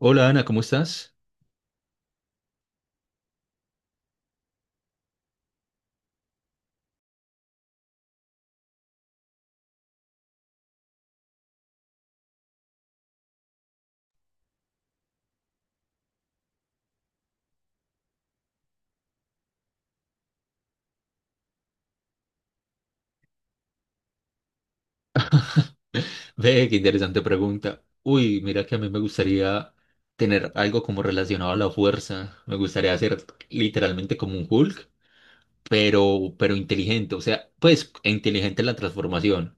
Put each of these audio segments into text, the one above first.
Hola Ana, ¿cómo estás? Ve, qué interesante pregunta. Uy, mira que a mí me gustaría tener algo como relacionado a la fuerza. Me gustaría hacer literalmente como un Hulk, pero inteligente. O sea, pues e inteligente en la transformación.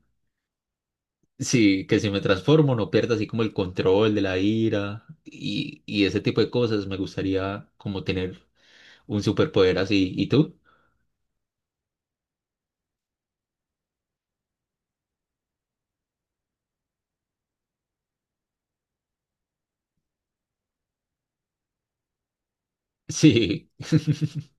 Sí, que si me transformo no pierda así como el control de la ira y ese tipo de cosas. Me gustaría como tener un superpoder así. ¿Y tú? Sí,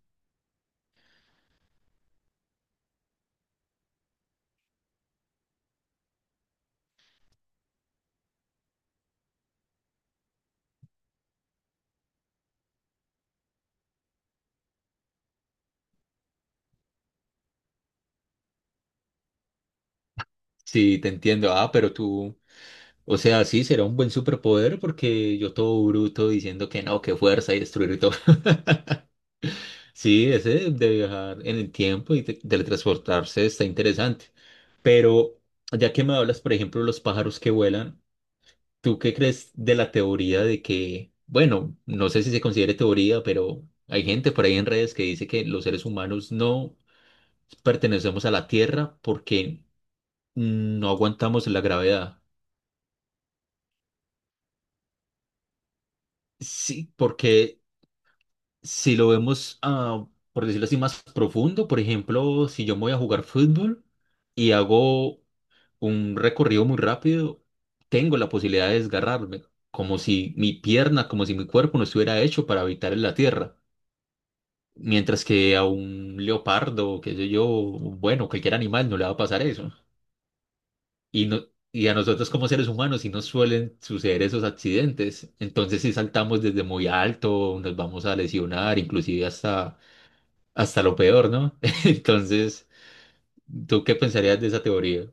sí, te entiendo. Ah, pero tú. O sea, sí, será un buen superpoder porque yo todo bruto diciendo que no, que fuerza y destruir y todo. Sí, ese de viajar en el tiempo y teletransportarse está interesante. Pero ya que me hablas, por ejemplo, de los pájaros que vuelan, ¿tú qué crees de la teoría de que, bueno, no sé si se considere teoría, pero hay gente por ahí en redes que dice que los seres humanos no pertenecemos a la Tierra porque no aguantamos la gravedad? Sí, porque si lo vemos, ah, por decirlo así, más profundo, por ejemplo, si yo me voy a jugar fútbol y hago un recorrido muy rápido, tengo la posibilidad de desgarrarme, como si mi pierna, como si mi cuerpo no estuviera hecho para habitar en la tierra. Mientras que a un leopardo, qué sé yo, bueno, cualquier animal no le va a pasar eso. Y no, y a nosotros como seres humanos sí nos suelen suceder esos accidentes. Entonces si saltamos desde muy alto, nos vamos a lesionar, inclusive hasta hasta lo peor, ¿no? Entonces, ¿tú qué pensarías de esa teoría?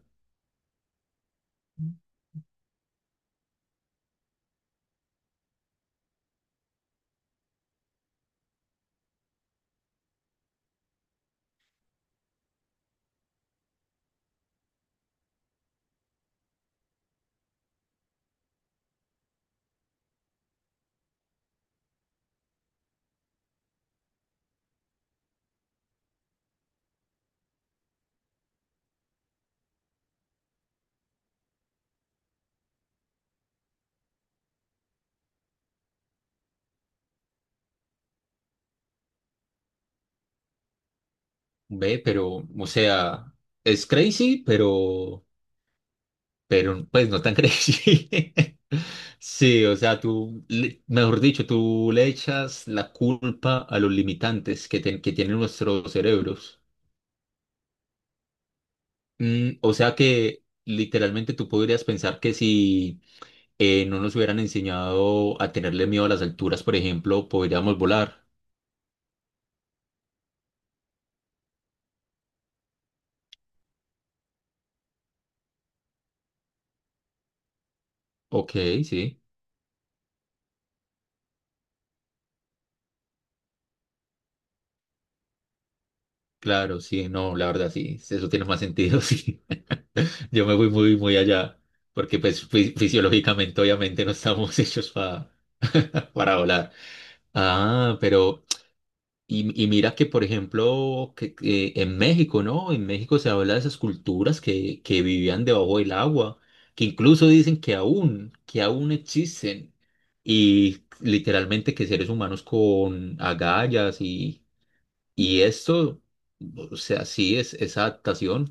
Ve, pero, o sea, es crazy, pero, pues no tan crazy. Sí, o sea, tú, mejor dicho, tú le echas la culpa a los limitantes que tienen nuestros cerebros. Mm, o sea que literalmente tú podrías pensar que si no nos hubieran enseñado a tenerle miedo a las alturas, por ejemplo, podríamos volar. Ok, sí. Claro, sí, no, la verdad sí, eso tiene más sentido, sí. Yo me fui muy, muy allá, porque pues fisiológicamente obviamente no estamos hechos para volar. Ah, pero, y mira que por ejemplo, que en México, ¿no? En México se habla de esas culturas que vivían debajo del agua, que incluso dicen que aún existen, y literalmente que seres humanos con agallas y esto... O sea, sí, es, esa adaptación.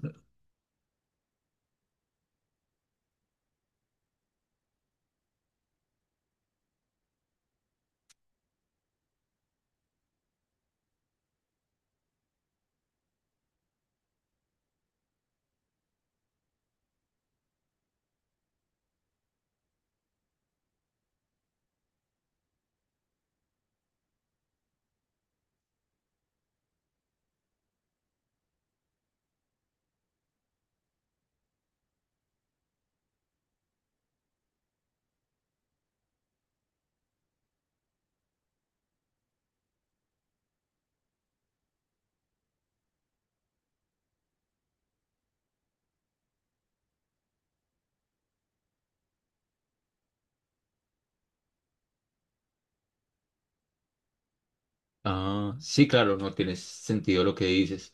Ah, sí, claro, no tienes sentido lo que dices.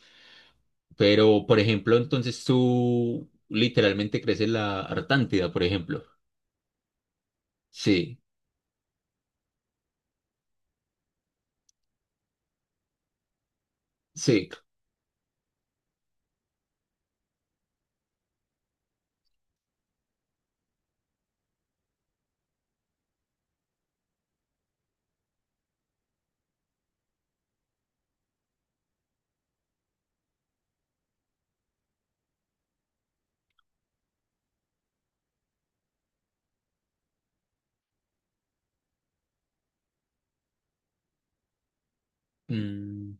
Pero, por ejemplo, entonces tú literalmente crees en la Artántida, por ejemplo. Sí, sí. Mm.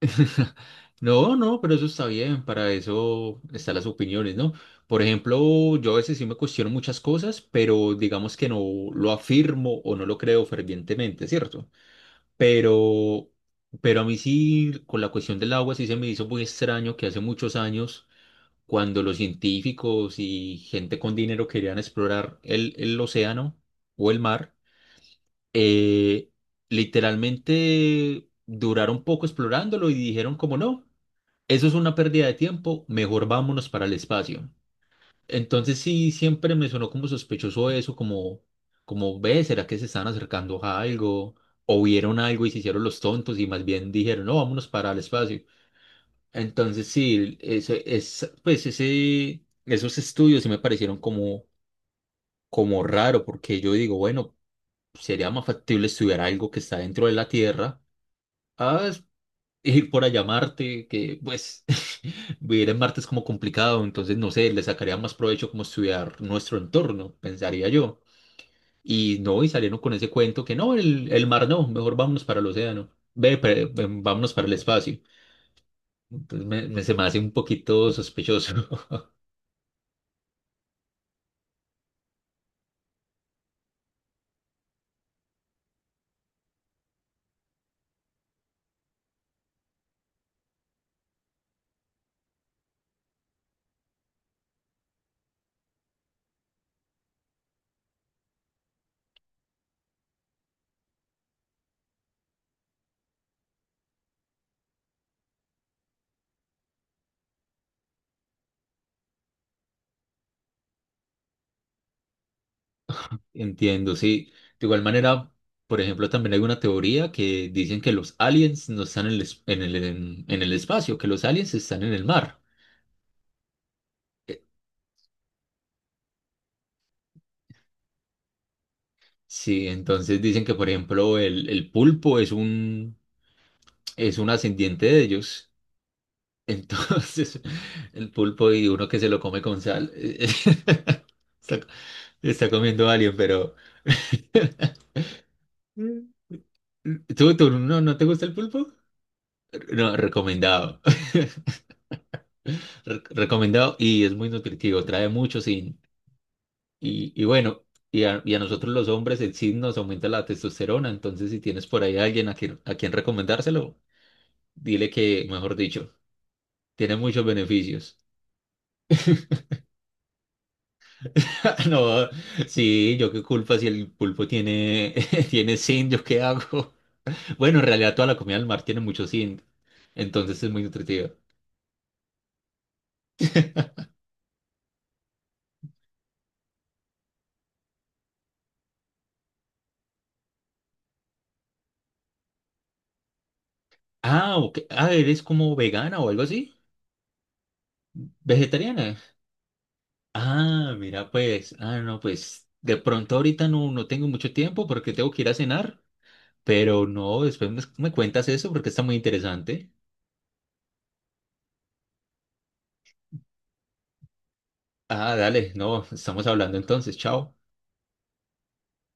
No, no, pero eso está bien, para eso están las opiniones, ¿no? Por ejemplo, yo a veces sí me cuestiono muchas cosas, pero digamos que no lo afirmo o no lo creo fervientemente, ¿cierto? Pero, pero a mí sí, con la cuestión del agua, sí se me hizo muy extraño que hace muchos años cuando los científicos y gente con dinero querían explorar el océano o el mar, eh, literalmente duraron poco explorándolo y dijeron como no, eso es una pérdida de tiempo, mejor vámonos para el espacio. Entonces sí, siempre me sonó como sospechoso eso, como, como ve, ¿será que se están acercando a algo? O vieron algo y se hicieron los tontos y más bien dijeron, no, vámonos para el espacio. Entonces, sí, eso es, pues ese, esos estudios sí me parecieron como, como raro, porque yo digo, bueno, sería más factible estudiar algo que está dentro de la Tierra a ir por allá a Marte, que pues vivir en Marte es como complicado, entonces no sé, le sacaría más provecho como estudiar nuestro entorno, pensaría yo. Y no, y salieron con ese cuento que no, el mar no, mejor vámonos para el océano, ve, vámonos para el espacio. Entonces me, se me hace un poquito sospechoso. Entiendo, sí. De igual manera, por ejemplo, también hay una teoría que dicen que los aliens no están en el, en el, en el espacio, que los aliens están en el mar. Eh, Sí, entonces dicen que, por ejemplo, el pulpo es un ascendiente de ellos. Entonces, el pulpo y uno que se lo come con sal, está, está comiendo alien, pero... Mm. ¿Tú, tú no, no te gusta el pulpo? No, recomendado. Re- Recomendado y es muy nutritivo, trae mucho zinc. Y bueno, y a nosotros los hombres el zinc nos aumenta la testosterona, entonces si tienes por ahí a alguien a quien recomendárselo, dile que, mejor dicho, tiene muchos beneficios. No, sí, yo qué culpa si el pulpo tiene, tiene zinc, yo qué hago. Bueno, en realidad toda la comida del mar tiene mucho zinc, entonces es muy nutritiva. Ah, ok. Ah, ¿eres como vegana o algo así? ¿Vegetariana? Ah, mira, pues, ah, no, pues, de pronto ahorita no, no tengo mucho tiempo porque tengo que ir a cenar, pero no, después me, me cuentas eso porque está muy interesante. Ah, dale, no, estamos hablando entonces, chao.